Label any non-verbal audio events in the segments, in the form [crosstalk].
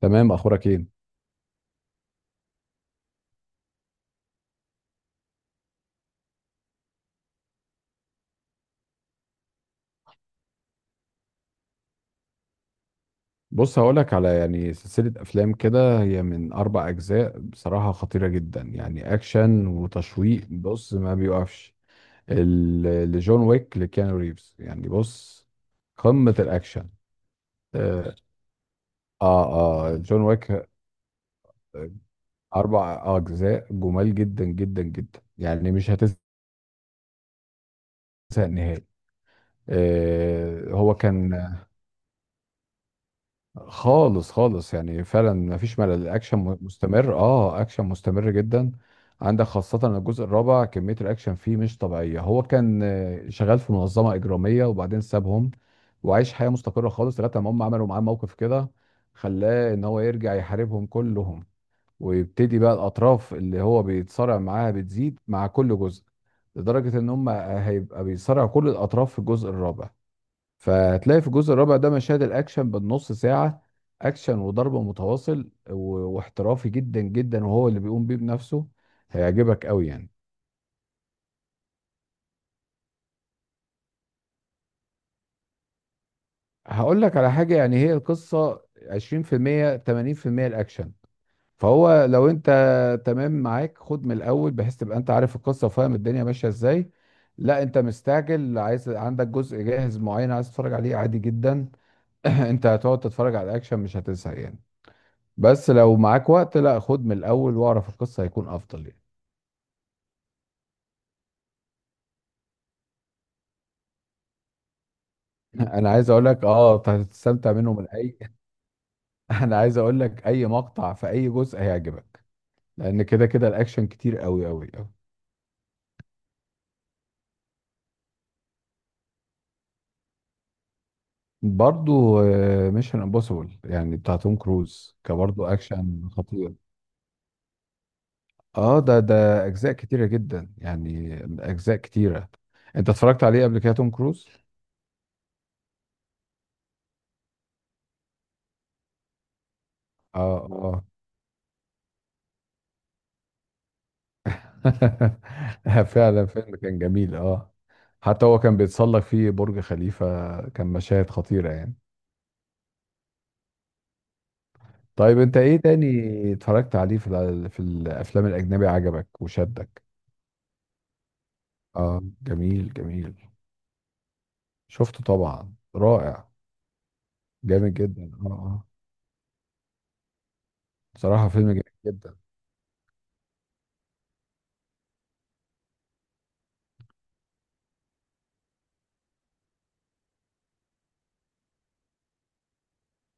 تمام. اخبارك ايه؟ بص، هقولك على يعني سلسله افلام كده، هي من اربع اجزاء. بصراحه خطيره جدا يعني، اكشن وتشويق. بص، ما بيوقفش. ال- لجون ويك لكيانو ريفز. يعني بص، قمه الاكشن. اه اه. جون ويك، اربع اجزاء، جمال جدا جدا جدا. يعني مش هتزهق نهائي. هو كان خالص خالص، يعني فعلا مفيش ملل. الاكشن مستمر، اه اكشن مستمر جدا. عندك خاصة الجزء الرابع، كمية الاكشن فيه مش طبيعية. هو كان شغال في منظمة اجرامية وبعدين سابهم، وعايش حياة مستقرة خالص لغاية ما هم عملوا معاه موقف كده خلاه ان هو يرجع يحاربهم كلهم. ويبتدي بقى الاطراف اللي هو بيتصارع معاها بتزيد مع كل جزء، لدرجة ان هم هيبقى بيصارع كل الاطراف في الجزء الرابع. فهتلاقي في الجزء الرابع ده مشاهد الاكشن بالنص ساعه، اكشن وضرب متواصل واحترافي جدا جدا، وهو اللي بيقوم بيه بنفسه. هيعجبك قوي يعني. هقول لك على حاجه، يعني هي القصه 20% 80% الاكشن. فهو لو انت تمام معاك، خد من الاول بحيث تبقى انت عارف القصه وفاهم الدنيا ماشيه ازاي. لا انت مستعجل، عايز عندك جزء جاهز معين عايز تتفرج عليه، عادي جدا. [clears throat] انت هتقعد تتفرج على الاكشن، مش هتزهق يعني. بس لو معاك وقت، لا خد من الاول واعرف القصه، هيكون افضل يعني. [laughs] انا عايز اقول لك، اه أنت هتستمتع منه من اي. [laughs] انا عايز اقول لك، اي مقطع في اي جزء هيعجبك، لان كده كده الاكشن كتير قوي قوي قوي. برضو ميشن امبوسيبل يعني، بتاع توم كروز، كبرضو اكشن خطير. اه، ده اجزاء كتيره جدا يعني، اجزاء كتيره. انت اتفرجت عليه قبل كده، توم كروز؟ اه آه. [laughs] فعلا فيلم كان جميل، اه. حتى هو كان بيتسلق فيه برج خليفة، كان مشاهد خطيرة يعني. طيب انت ايه تاني اتفرجت عليه في في الافلام الاجنبي، عجبك وشدك؟ اه، جميل جميل. شفته طبعا، رائع. جامد جدا، اه اه. بصراحة فيلم جميل جدا.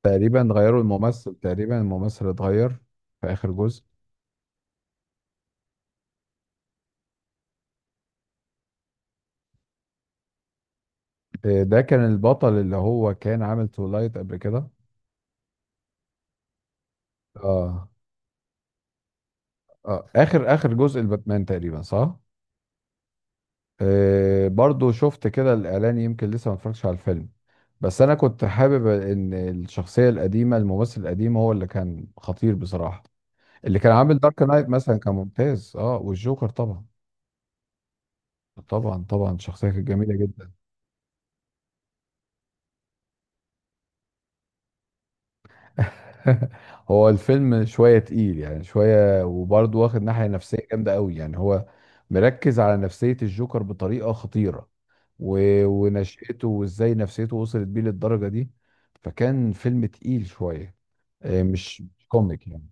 تقريبا غيروا الممثل، تقريبا الممثل اتغير في اخر جزء. ده كان البطل اللي هو كان عامل تولايت قبل كده. اه اه، اخر اخر جزء الباتمان تقريبا، صح؟ برضو شفت كده الإعلان، يمكن لسه ما اتفرجتش على الفيلم. بس أنا كنت حابب إن الشخصية القديمة، الممثل القديم هو اللي كان خطير بصراحة. اللي كان عامل دارك نايت مثلا كان ممتاز، اه، والجوكر طبعا. طبعا طبعا، شخصية كانت جميلة جدا. [laughs] هو الفيلم شوية تقيل يعني، شوية، وبرضه واخد ناحية نفسية جامدة قوي. يعني هو مركز على نفسية الجوكر بطريقة خطيرة و... ونشأته، وازاي نفسيته وصلت بيه للدرجة دي. فكان فيلم تقيل شوية، مش كوميك يعني.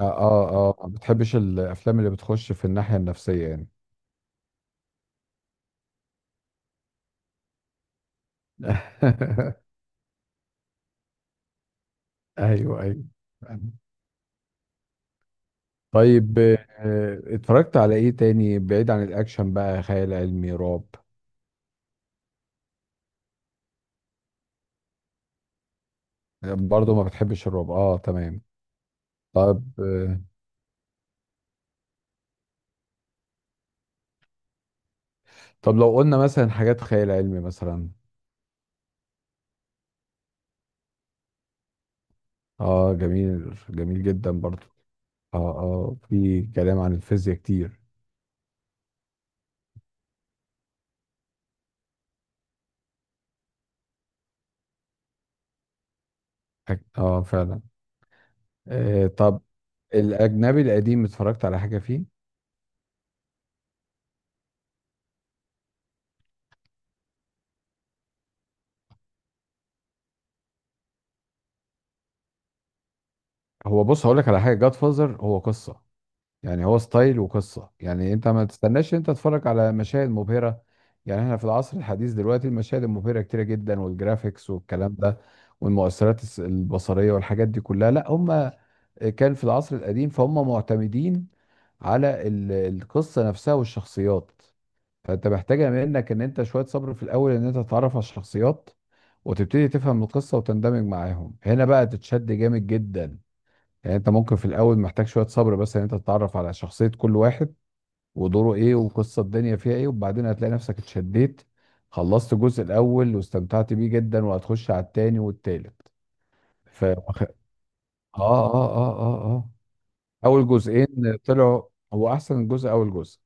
اه اه اه، ما بتحبش الافلام اللي بتخش في الناحية النفسية يعني. [laughs] ايوه ايوه. طيب اتفرجت على ايه تاني بعيد عن الاكشن بقى، خيال علمي، رعب؟ برضه ما بتحبش الرعب، اه تمام. طب آه، طب لو قلنا مثلا حاجات خيال علمي مثلا. اه جميل جميل جدا برضه. اه اه، في كلام عن الفيزياء كتير. اه فعلا. طب الاجنبي القديم اتفرجت على حاجه فيه؟ هو بص، هقول لك على حاجه. جاد فازر هو قصه، يعني هو ستايل وقصة. يعني انت ما تستناش انت تتفرج على مشاهد مبهرة. يعني احنا في العصر الحديث دلوقتي المشاهد المبهرة كتيرة جدا، والجرافيكس والكلام ده والمؤثرات البصرية والحاجات دي كلها. لا، هم كان في العصر القديم، فهم معتمدين على القصة نفسها والشخصيات. فانت محتاجة منك ان انت شوية صبر في الاول، ان انت تتعرف على الشخصيات وتبتدي تفهم القصة وتندمج معاهم. هنا بقى تتشد جامد جدا يعني. انت ممكن في الاول محتاج شويه صبر بس ان انت تتعرف على شخصيه كل واحد ودوره ايه وقصه الدنيا فيها ايه. وبعدين هتلاقي نفسك اتشديت، خلصت الجزء الاول واستمتعت بيه جدا، وهتخش على التاني والتالت. اه اه اه اه اه، اول جزئين طلعوا. هو احسن جزء اول جزء،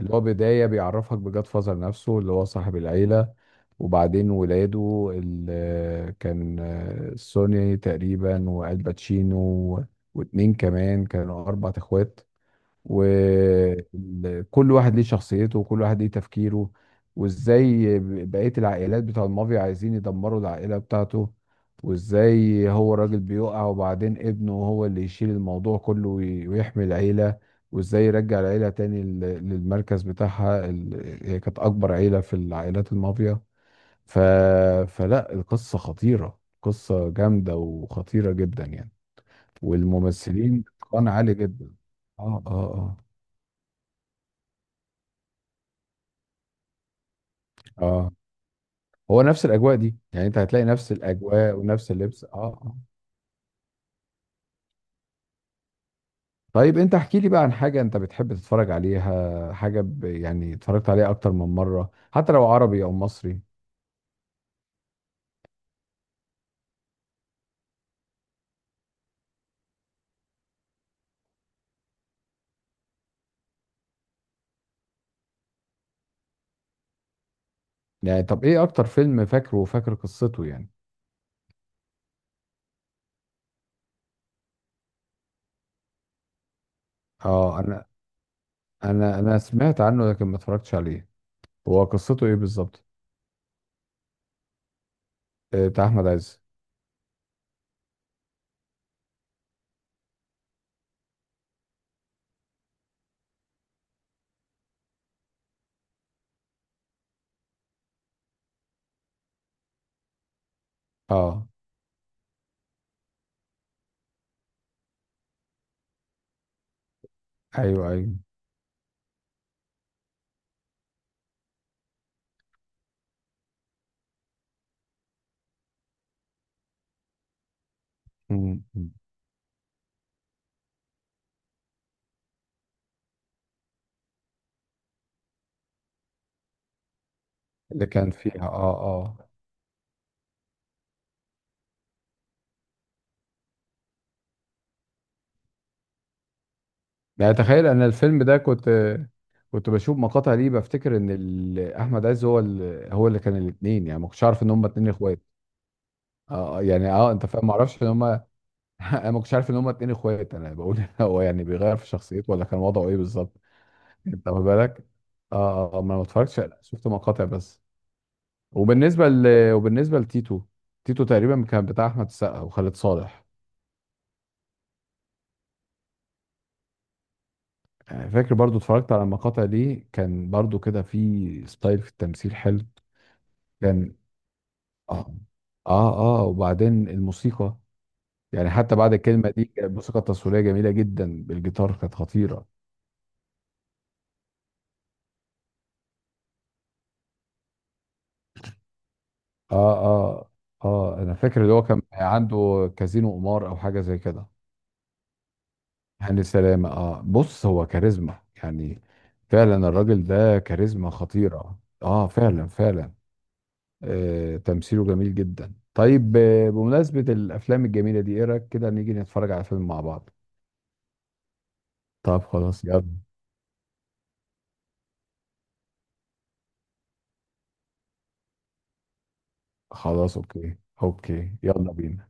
اللي هو بدايه بيعرفك بجاد فازر نفسه اللي هو صاحب العيله. وبعدين ولاده، اللي كان سوني تقريبا، والباتشينو، واتنين كمان، كانوا اربع اخوات، وكل واحد ليه شخصيته وكل واحد ليه تفكيره. وازاي بقية العائلات بتاع المافيا عايزين يدمروا العائلة بتاعته، وازاي هو راجل بيقع وبعدين ابنه هو اللي يشيل الموضوع كله ويحمي العيلة، وازاي يرجع العيلة تاني للمركز بتاعها. هي كانت أكبر عيلة في العائلات المافيا. ف... فلا، القصة خطيرة، قصة جامدة وخطيرة جدا يعني، والممثلين اتقان عالي جدا. اه اه اه اه. هو نفس الاجواء دي، يعني انت هتلاقي نفس الاجواء ونفس اللبس، اه. طيب انت احكي لي بقى عن حاجه انت بتحب تتفرج عليها، حاجه يعني اتفرجت عليها اكتر من مره، حتى لو عربي او مصري. يعني طب ايه اكتر فيلم فاكره وفاكر قصته يعني؟ اه انا سمعت عنه لكن ما اتفرجتش عليه. هو قصته ايه بالظبط؟ بتاع احمد عز، اه. ايوه ايوه. م- م. اللي كان فيها، اه اه. يعني تخيل، انا الفيلم ده كنت بشوف مقاطع ليه، بفتكر ان احمد عز هو هو اللي كان الاثنين، يعني ما كنتش عارف ان هم اتنين اخوات. اه يعني اه انت فاهم، ما اعرفش ان هم [laughs] انا ما كنتش عارف ان هم اتنين اخوات، انا بقول [laughs] هو يعني بيغير في شخصيته، ولا كان وضعه ايه بالظبط؟ انت واخد بالك؟ اه ما أنا ما اتفرجتش شفت مقاطع بس. وبالنسبه ل... وبالنسبه لتيتو، تيتو تقريبا كان بتاع احمد السقا وخالد صالح. يعني فاكر برضو، اتفرجت على المقاطع دي، كان برضو كده في ستايل في التمثيل حلو. كان، اه اه اه، وبعدين الموسيقى، يعني حتى بعد الكلمه دي كانت الموسيقى التصويريه جميله جدا بالجيتار، كانت خطيره. اه اه اه، انا فاكر اللي هو كان عنده كازينو قمار او حاجه زي كده. هاني سلامه، اه بص هو كاريزما يعني. فعلا الراجل ده كاريزما خطيره، اه فعلا فعلا. آه، تمثيله جميل جدا. طيب بمناسبه الافلام الجميله دي، ايه رايك كده نيجي نتفرج على فيلم مع بعض؟ طب خلاص، يلا. خلاص اوكي. اوكي يلا بينا.